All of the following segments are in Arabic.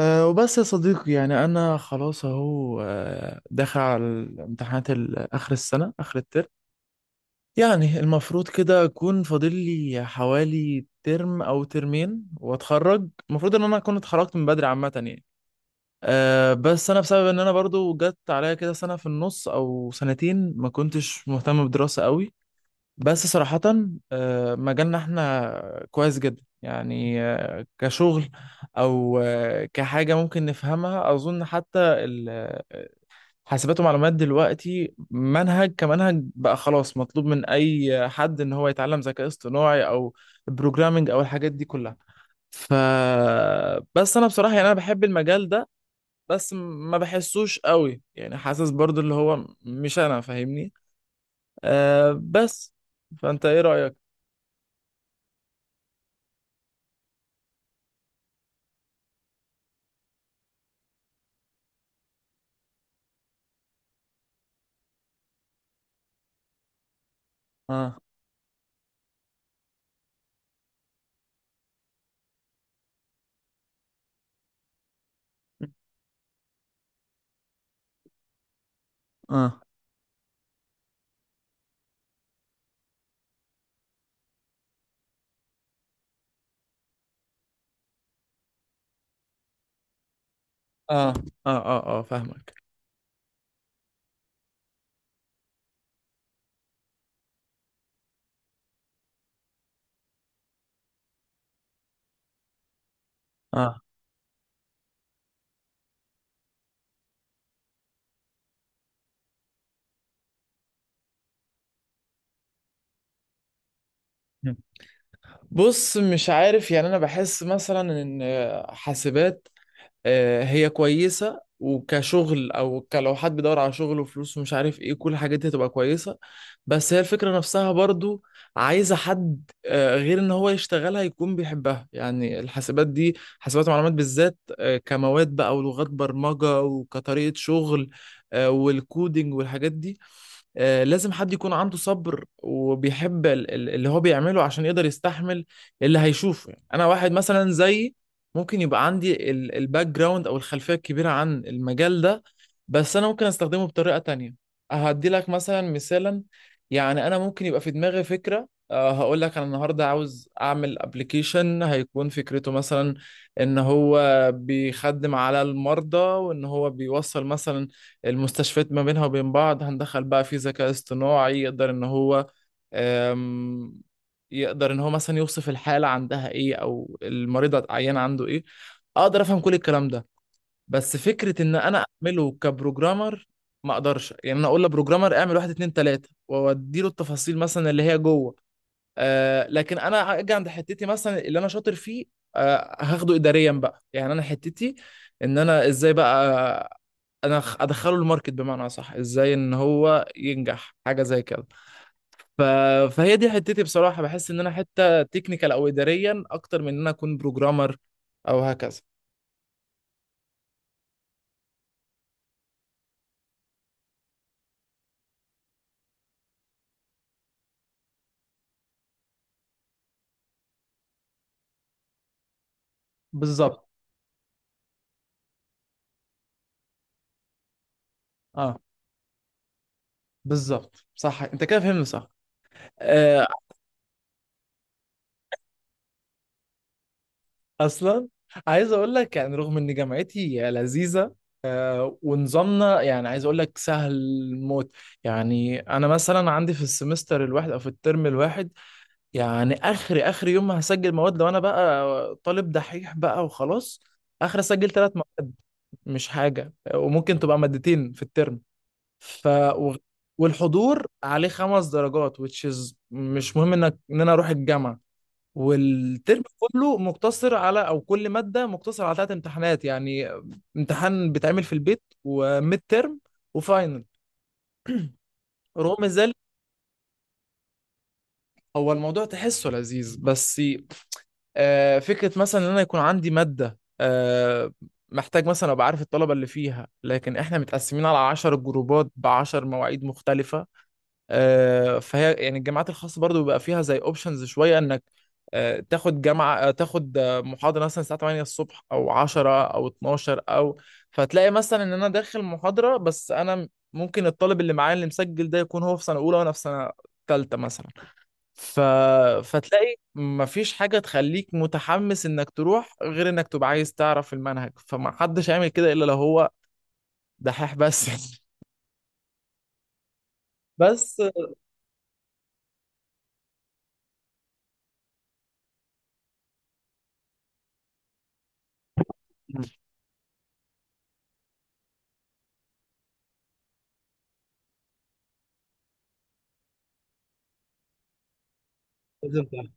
وبس يا صديقي، يعني أنا خلاص أهو، داخل على الامتحانات آخر السنة، آخر الترم. يعني المفروض كده أكون فاضل لي حوالي ترم أو ترمين وأتخرج. المفروض إن أنا أكون اتخرجت من بدري عامة يعني. بس أنا بسبب إن أنا برضو جت عليا كده سنة في النص أو سنتين ما كنتش مهتم بدراسة قوي، بس صراحة. مجالنا احنا كويس جدا يعني، كشغل او كحاجة ممكن نفهمها، اظن حتى حاسبات ومعلومات دلوقتي منهج، كمنهج بقى خلاص مطلوب من اي حد ان هو يتعلم ذكاء اصطناعي او بروجرامنج او الحاجات دي كلها. ف بس انا بصراحة يعني انا بحب المجال ده، بس ما بحسوش قوي، يعني حاسس برضو اللي هو مش انا، فاهمني؟ أه بس فانت ايه رأيك؟ اه اه اه اه، فاهمك. اه. مم. بص، مش عارف، يعني انا بحس مثلا ان حاسبات هي كويسه وكشغل، او لو حد بيدور على شغل وفلوس ومش عارف ايه، كل الحاجات دي هتبقى كويسه. بس هي الفكره نفسها برضو عايزه حد، غير ان هو يشتغلها يكون بيحبها، يعني الحاسبات دي، حاسبات ومعلومات بالذات، كمواد بقى ولغات برمجه وكطريقه شغل، والكودينج والحاجات دي، لازم حد يكون عنده صبر وبيحب اللي هو بيعمله عشان يقدر يستحمل اللي هيشوفه. يعني انا واحد مثلا زيي، ممكن يبقى عندي الباك جراوند او الخلفيه الكبيره عن المجال ده، بس انا ممكن استخدمه بطريقه تانية. هدي لك مثلا مثالا: يعني انا ممكن يبقى في دماغي فكره، هقول لك انا النهارده عاوز اعمل ابلكيشن، هيكون فكرته مثلا ان هو بيخدم على المرضى، وان هو بيوصل مثلا المستشفيات ما بينها وبين بعض. هندخل بقى في ذكاء اصطناعي يقدر ان هو أم، يقدر ان هو مثلا يوصف الحالة عندها ايه، او المريض العيان عنده ايه. اقدر افهم كل الكلام ده، بس فكرة ان انا اعمله كبروجرامر ما اقدرش، يعني انا اقول لبروجرامر اعمل واحد اتنين تلاتة واودي له التفاصيل مثلا اللي هي جوه. لكن انا اجي عند حتتي مثلا اللي انا شاطر فيه، هاخده اداريا بقى. يعني انا حتتي ان انا ازاي بقى انا ادخله الماركت، بمعنى صح، ازاي ان هو ينجح حاجه زي كده. ف... فهي دي حتتي. بصراحه بحس ان انا حته تكنيكال او اداريا اكتر من ان انا اكون بروجرامر او هكذا. بالظبط. اه، بالظبط، صح، انت كده فهمت صح. آه، اصلا عايز اقول لك، يعني رغم ان جامعتي لذيذه ونظامنا، يعني عايز اقول لك سهل موت. يعني انا مثلا عندي في السمستر الواحد او في الترم الواحد، يعني اخر يوم ما هسجل مواد، لو انا بقى طالب دحيح بقى وخلاص، اخر اسجل ثلاث مواد، مش حاجه، وممكن تبقى مادتين في الترم. ف و- والحضور عليه خمس درجات which is مش مهم انك، ان انا اروح الجامعه. والترم كله مقتصر على، او كل ماده مقتصر على ثلاث امتحانات يعني: امتحان بيتعمل في البيت، وميد ترم، وفاينل. رغم ذلك، هو الموضوع تحسه لذيذ بس. فكرة مثلا ان انا يكون عندي مادة، محتاج مثلا ابقى عارف الطلبة اللي فيها، لكن احنا متقسمين على 10 جروبات بعشر مواعيد مختلفة. فهي يعني الجامعات الخاصة برضو بيبقى فيها زي اوبشنز شوية، انك تاخد جامعة، تاخد محاضرة مثلا الساعة 8 الصبح او 10 او 12 او... فتلاقي مثلا ان انا داخل محاضرة، بس انا ممكن الطالب اللي معايا اللي مسجل ده يكون هو في سنة اولى وانا في سنة ثالثة مثلا. ف... فتلاقي مفيش حاجة تخليك متحمس انك تروح غير انك تبقى عايز تعرف المنهج، فما حدش هيعمل كده الا لو هو دحيح بس. بس لازم تعرف.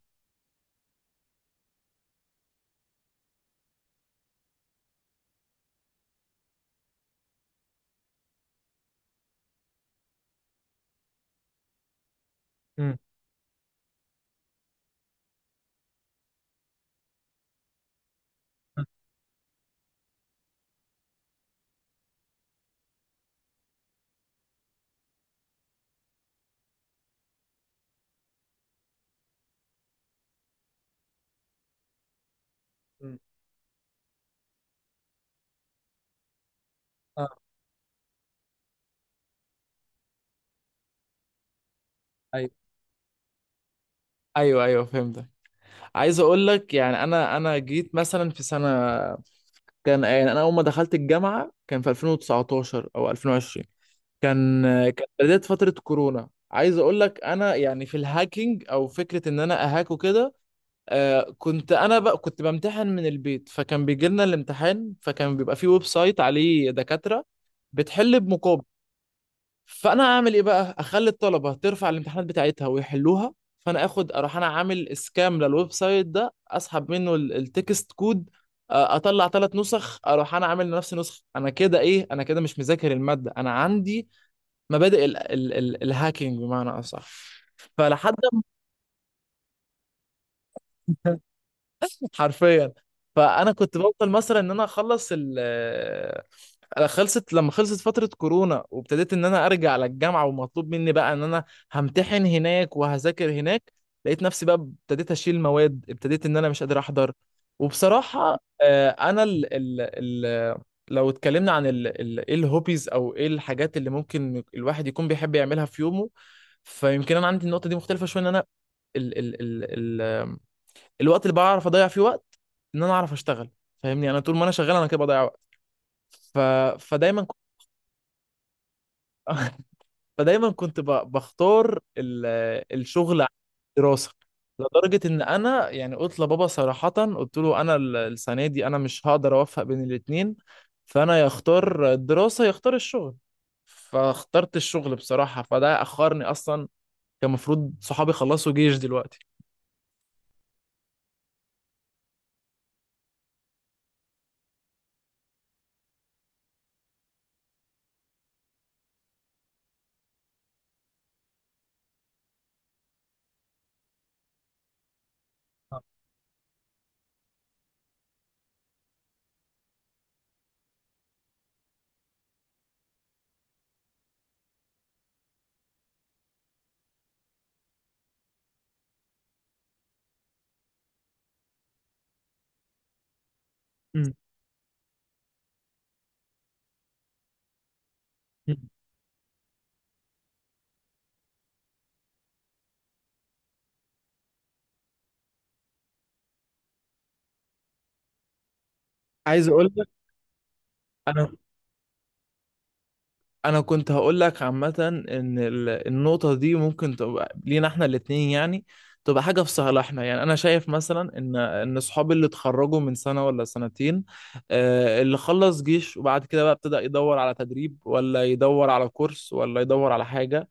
مم. مم. آه، ايوه، ايوه فهمتك. عايز اقول لك، يعني انا جيت مثلا في سنه كان، يعني انا اول ما دخلت الجامعه كان في 2019 او 2020. كان كانت بدايه فتره كورونا. عايز اقول لك انا، يعني في الهاكينج او فكره ان انا اهاك وكده، كنت انا بقى، كنت بمتحن من البيت، فكان بيجي لنا الامتحان، فكان بيبقى فيه ويب سايت عليه دكاترة بتحل بمقابل. فانا اعمل ايه بقى، اخلي الطلبة ترفع الامتحانات بتاعتها ويحلوها. فانا اخد اروح انا عامل اسكام للويب سايت ده، اسحب منه التكست كود، اطلع ثلاث نسخ، اروح انا عامل لنفسي نسخة. انا كده ايه، انا كده مش مذاكر المادة، انا عندي مبادئ ال ال ال الهاكينج بمعنى اصح. فلحد... حرفيا. فانا كنت بفضل مثلا ان انا اخلص انا خلصت، لما خلصت فتره كورونا وابتديت ان انا ارجع للجامعه ومطلوب مني بقى ان انا همتحن هناك وهذاكر هناك، لقيت نفسي بقى ابتديت اشيل مواد، ابتديت ان انا مش قادر احضر. وبصراحه، انا ال ال ال لو اتكلمنا عن ال ال ايه الهوبيز او ايه الحاجات اللي ممكن الواحد يكون بيحب يعملها في يومه، فيمكن انا عندي النقطه دي مختلفه شويه، ان انا ال... ال... ال... الوقت اللي بعرف اضيع فيه وقت ان انا اعرف اشتغل، فاهمني؟ يعني انا طول ما انا شغال انا كده بضيع وقت. ف... فدايما كنت... فدايما كنت بختار الشغل عن الدراسه، لدرجه ان انا يعني قلت لبابا صراحه، قلت له انا السنه دي انا مش هقدر اوفق بين الاتنين، فانا يختار الدراسه يختار الشغل، فاخترت الشغل بصراحه، فده اخرني اصلا. كان المفروض صحابي خلصوا جيش دلوقتي. مم. عايز اقول لك انا، كنت هقول لك عامه ان النقطه دي ممكن تبقى لينا احنا الاتنين، يعني تبقى حاجه في صالحنا. يعني انا شايف مثلا ان صحابي اللي اتخرجوا من سنه ولا سنتين، اللي خلص جيش وبعد كده بقى ابتدى يدور على تدريب، ولا يدور على كورس، ولا يدور على حاجه،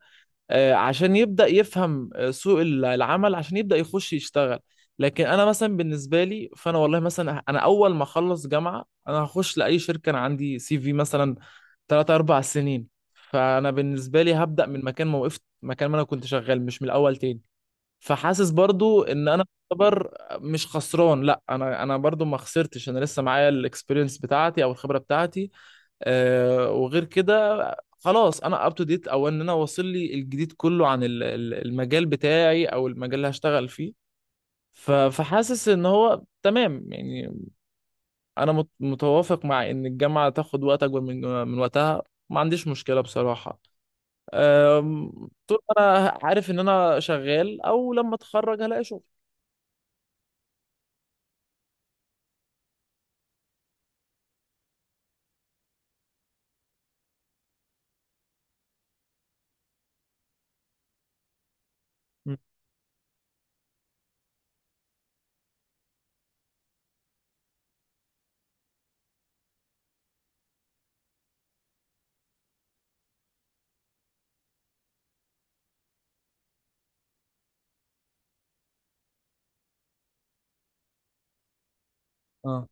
عشان يبدأ يفهم سوق العمل، عشان يبدأ يخش يشتغل. لكن انا مثلا بالنسبة لي، فانا والله مثلا انا اول ما اخلص جامعة انا هخش لاي شركة انا عندي سي في مثلا 3 4 سنين. فانا بالنسبة لي هبدأ من مكان ما وقفت، مكان ما انا كنت شغال، مش من الاول تاني. فحاسس برضو ان انا اعتبر مش خسران، لا، انا انا برضو ما خسرتش، انا لسه معايا الاكسبيرينس بتاعتي او الخبرة بتاعتي، وغير كده خلاص انا اب تو ديت، او ان انا واصل لي الجديد كله عن المجال بتاعي او المجال اللي هشتغل فيه. فحاسس ان هو تمام يعني. انا متوافق مع ان الجامعه تاخد وقت اكبر من من وقتها، ما عنديش مشكله بصراحه، طول ما انا عارف ان انا شغال، او لما اتخرج هلاقي شغل. مم. اه،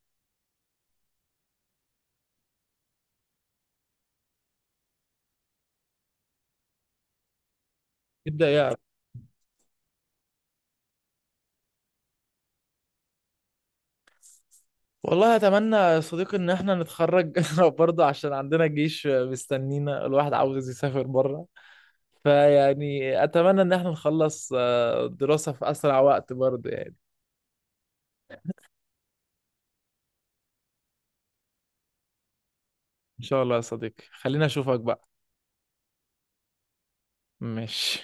يبدا يعرف. والله اتمنى يا صديقي ان احنا نتخرج برضه، عشان عندنا جيش مستنينا، الواحد عاوز يسافر بره. فيعني اتمنى ان احنا نخلص الدراسة في اسرع وقت برضه يعني. ان شاء الله يا صديقي، خلينا اشوفك بقى. ماشي.